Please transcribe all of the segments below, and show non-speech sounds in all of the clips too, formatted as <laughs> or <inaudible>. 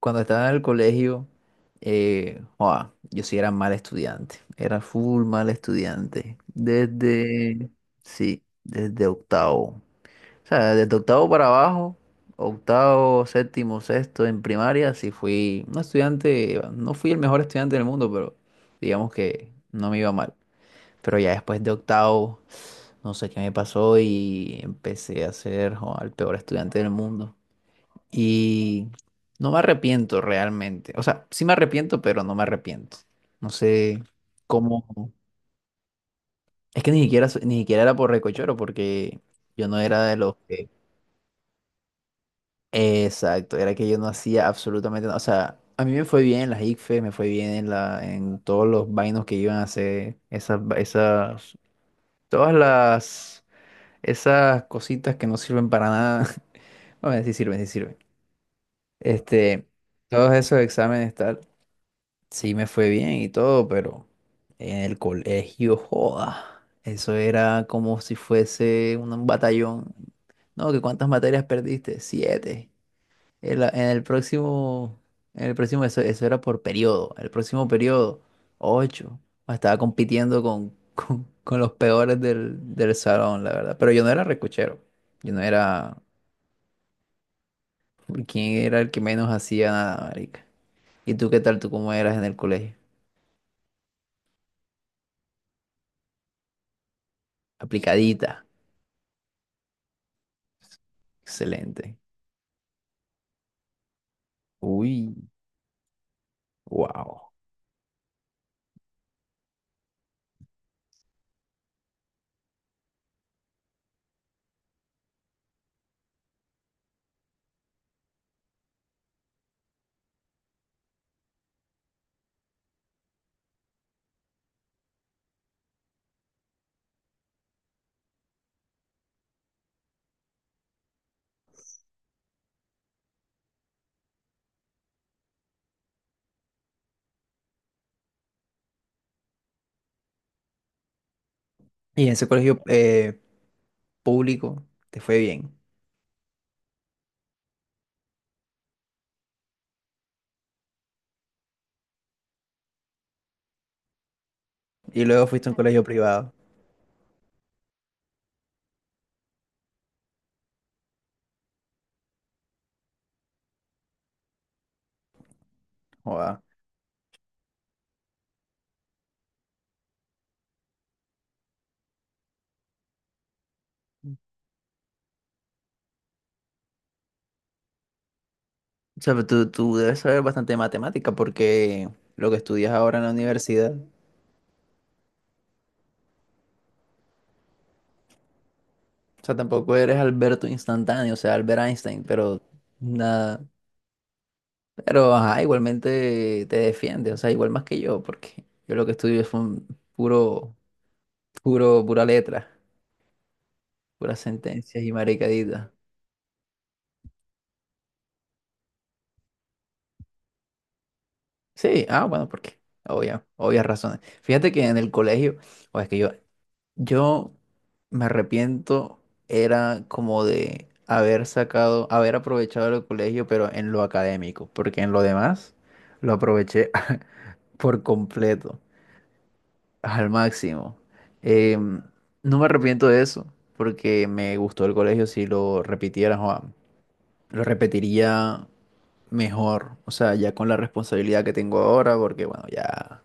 Cuando estaba en el colegio, joa, yo sí era mal estudiante, era full mal estudiante. Desde, sí, desde octavo. O sea, desde octavo para abajo, octavo, séptimo, sexto en primaria, sí fui un estudiante, no fui el mejor estudiante del mundo, pero digamos que no me iba mal. Pero ya después de octavo, no sé qué me pasó y empecé a ser, joa, el peor estudiante del mundo. Y no me arrepiento realmente. O sea, sí me arrepiento, pero no me arrepiento. No sé cómo. Es que ni siquiera, ni siquiera era por recochoro, porque yo no era de los que. Exacto, era que yo no hacía absolutamente nada. O sea, a mí me fue bien en las ICFES, me fue bien en la, en todos los vainos que iban a hacer, esas, esas, todas las, esas cositas que no sirven para nada. <laughs> Bueno, sí sirven, sí sirven. Este, todos esos exámenes, tal. Sí, me fue bien y todo, pero en el colegio, joda, eso era como si fuese un batallón. No, ¿que cuántas materias perdiste? Siete. En la- en el próximo, en el próximo, eso era por periodo. El próximo periodo, ocho. Estaba compitiendo con, <laughs> con los peores del, del salón, la verdad. Pero yo no era recochero. Yo no era. ¿Quién era el que menos hacía nada, marica? ¿Y tú qué tal? ¿Tú cómo eras en el colegio? Aplicadita. Excelente. Uy, wow. Y en ese colegio público te fue bien. Y luego fuiste a un colegio privado. Wow. O sea, pero tú debes saber bastante de matemática porque lo que estudias ahora en la universidad, o sea, tampoco eres Alberto instantáneo, o sea, Albert Einstein, pero nada. Pero ajá, igualmente te defiende, o sea, igual más que yo, porque yo lo que estudio es un puro, puro, pura letra, puras sentencias y maricaditas. Sí, ah, bueno, porque obvia, obvias razones. Fíjate que en el colegio, o es que yo me arrepiento, era como de haber sacado, haber aprovechado el colegio, pero en lo académico, porque en lo demás lo aproveché <laughs> por completo, al máximo. Em, no me arrepiento de eso, porque me gustó el colegio, si lo repitiera, joa, lo repetiría mejor, o sea, ya con la responsabilidad que tengo ahora, porque bueno, ya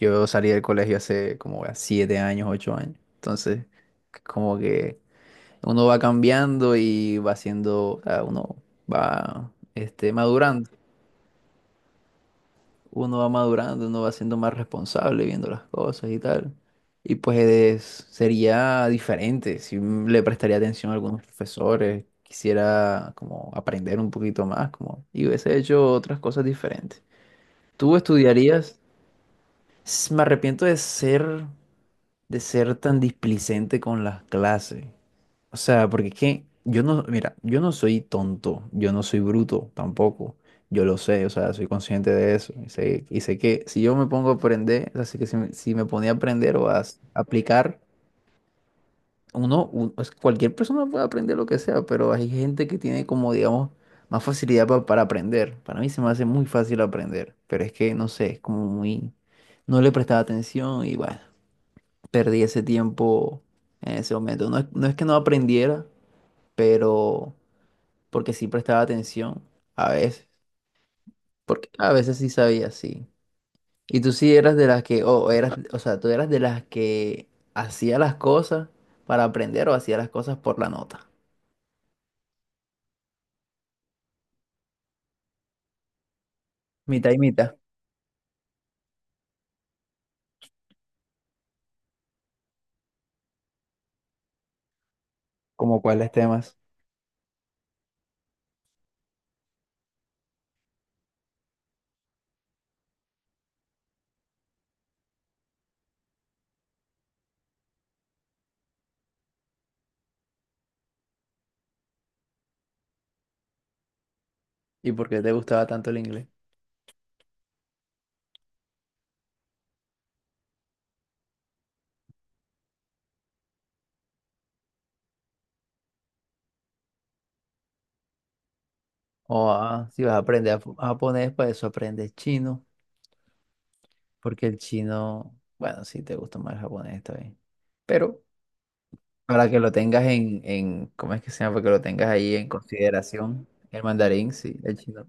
yo salí del colegio hace como ya siete años, ocho años, entonces como que uno va cambiando y va siendo, o sea, uno va madurando, uno va madurando, uno va siendo más responsable viendo las cosas y tal, y pues sería diferente si le prestaría atención a algunos profesores. Quisiera como aprender un poquito más, como, y hubiese hecho otras cosas diferentes. ¿Tú estudiarías? Me arrepiento de ser tan displicente con las clases. O sea, porque es que yo no, mira, yo no soy tonto, yo no soy bruto tampoco. Yo lo sé, o sea, soy consciente de eso. Y sé que si yo me pongo a aprender, así que si me, si me ponía a aprender o a aplicar, uno, pues, cualquier persona puede aprender lo que sea, pero hay gente que tiene como, digamos, más facilidad para aprender. Para mí se me hace muy fácil aprender, pero es que, no sé, es como muy... No le prestaba atención y bueno, perdí ese tiempo en ese momento. No es, no es que no aprendiera, pero porque sí prestaba atención a veces, porque a veces sí sabía, sí. Y tú sí eras de las que, o eras, o sea, tú eras de las que hacía las cosas para aprender o hacía las cosas por la nota. Mitad y mitad. ¿Como cuáles temas? ¿Y por qué te gustaba tanto el inglés? O ah, si vas a aprender japonés, para eso aprendes chino, porque el chino, bueno, sí te gusta más el japonés, está bien. Pero para que lo tengas en, ¿cómo es que se llama? Para que lo tengas ahí en consideración, el mandarín, sí, el chino.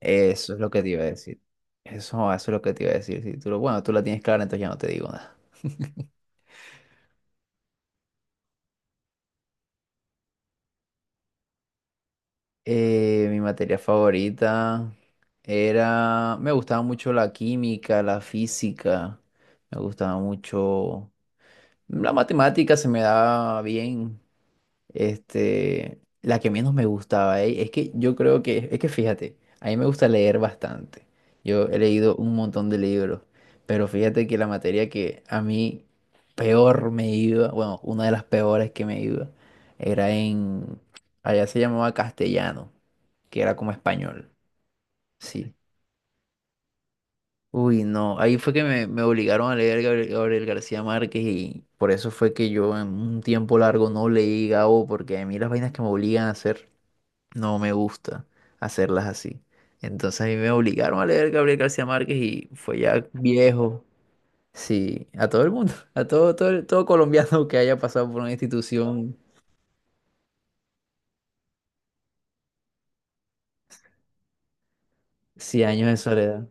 Eso es lo que te iba a decir. Eso es lo que te iba a decir. Si tú bueno, tú la tienes clara, entonces ya no te digo nada. Mi materia favorita era, me gustaba mucho la química, la física, me gustaba mucho la matemática, se me daba bien. La que menos me gustaba, es que yo creo que, es que fíjate, a mí me gusta leer bastante. Yo he leído un montón de libros, pero fíjate que la materia que a mí peor me iba, bueno, una de las peores que me iba, era en, allá se llamaba castellano que era como español. Sí. Uy, no. Ahí fue que me obligaron a leer Gabriel, Gabriel García Márquez y por eso fue que yo en un tiempo largo no leí Gabo, porque a mí las vainas que me obligan a hacer no me gusta hacerlas así. Entonces a mí me obligaron a leer Gabriel García Márquez y fue ya viejo. Sí, a todo el mundo, a todo, todo, todo colombiano <laughs> que haya pasado por una institución, 100 años de soledad.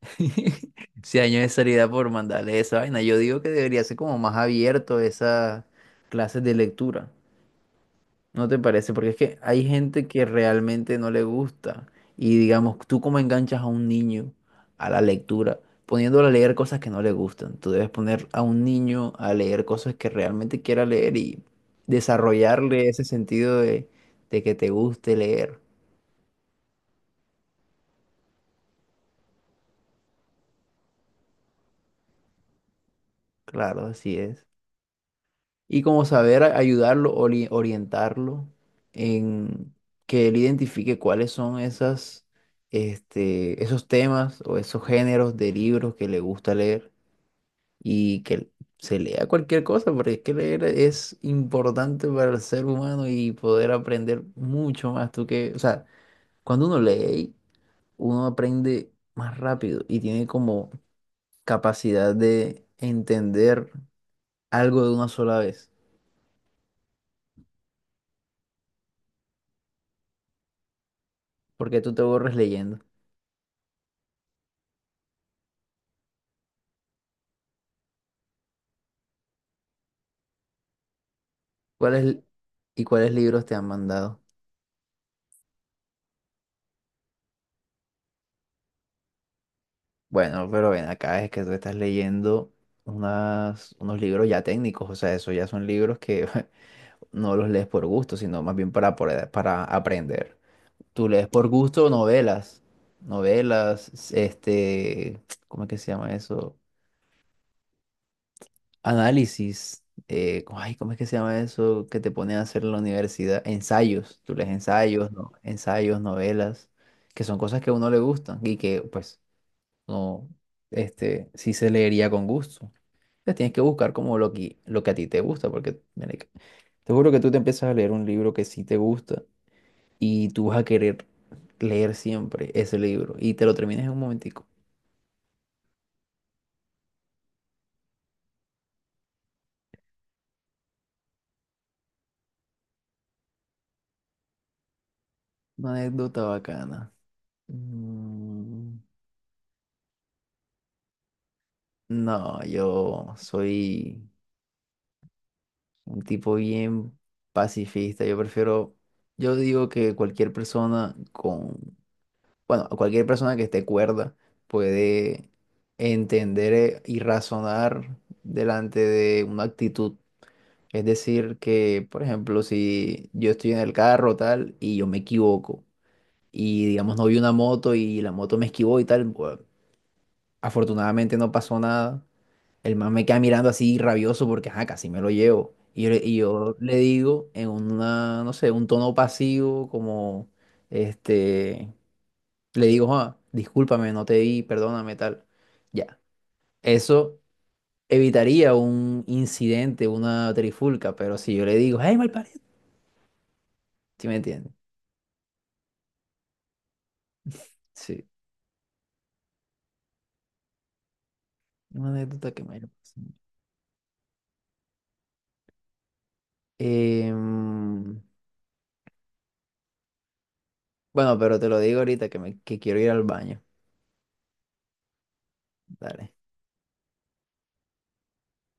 <laughs> Si años de salida por mandarle esa vaina. Yo digo que debería ser como más abierto esas clases de lectura. ¿No te parece? Porque es que hay gente que realmente no le gusta. Y digamos, tú cómo enganchas a un niño a la lectura, poniéndolo a leer cosas que no le gustan. Tú debes poner a un niño a leer cosas que realmente quiera leer y desarrollarle ese sentido de que te guste leer. Claro, así es. Y como saber ayudarlo, orientarlo en que él identifique cuáles son esas, esos temas o esos géneros de libros que le gusta leer y que se lea cualquier cosa, porque es que leer es importante para el ser humano y poder aprender mucho más. Tú que, o sea, cuando uno lee, uno aprende más rápido y tiene como capacidad de entender algo de una sola vez, porque tú te borres leyendo. ¿Cuáles y cuáles libros te han mandado? Bueno, pero ven acá, es que tú estás leyendo unas, unos libros ya técnicos, o sea, esos ya son libros que <laughs> no los lees por gusto, sino más bien para, para aprender. Tú lees por gusto novelas, novelas, <tsk> ¿cómo es que se llama eso? Análisis, ay, ¿cómo es que se llama eso que te ponen a hacer en la universidad? Ensayos, tú lees ensayos, no, ensayos, novelas, que son cosas que a uno le gustan y que, pues no, sí se leería con gusto. Entonces tienes que buscar como lo que a ti te gusta, porque marica, te juro que tú te empiezas a leer un libro que sí te gusta y tú vas a querer leer siempre ese libro y te lo terminas en un momentico. Una anécdota bacana. Mm, No, yo soy un tipo bien pacifista. Yo prefiero, yo digo que cualquier persona con bueno, cualquier persona que esté cuerda puede entender y razonar delante de una actitud. Es decir, que, por ejemplo, si yo estoy en el carro tal y yo me equivoco y, digamos, no vi una moto y la moto me esquivó y tal, pues, afortunadamente no pasó nada. El man me queda mirando así rabioso porque, ajá, casi me lo llevo. Y yo, y yo le digo en una, no sé, un tono pasivo como, este... Le digo, Juan, discúlpame, no te vi, perdóname, tal. Ya. Eso evitaría un incidente, una trifulca, pero si yo le digo, hey, malparido, ¿sí me entiendes? Sí. Una anécdota que me... haya pasado. Em, bueno, pero te lo digo ahorita que, me, que quiero ir al baño. Dale.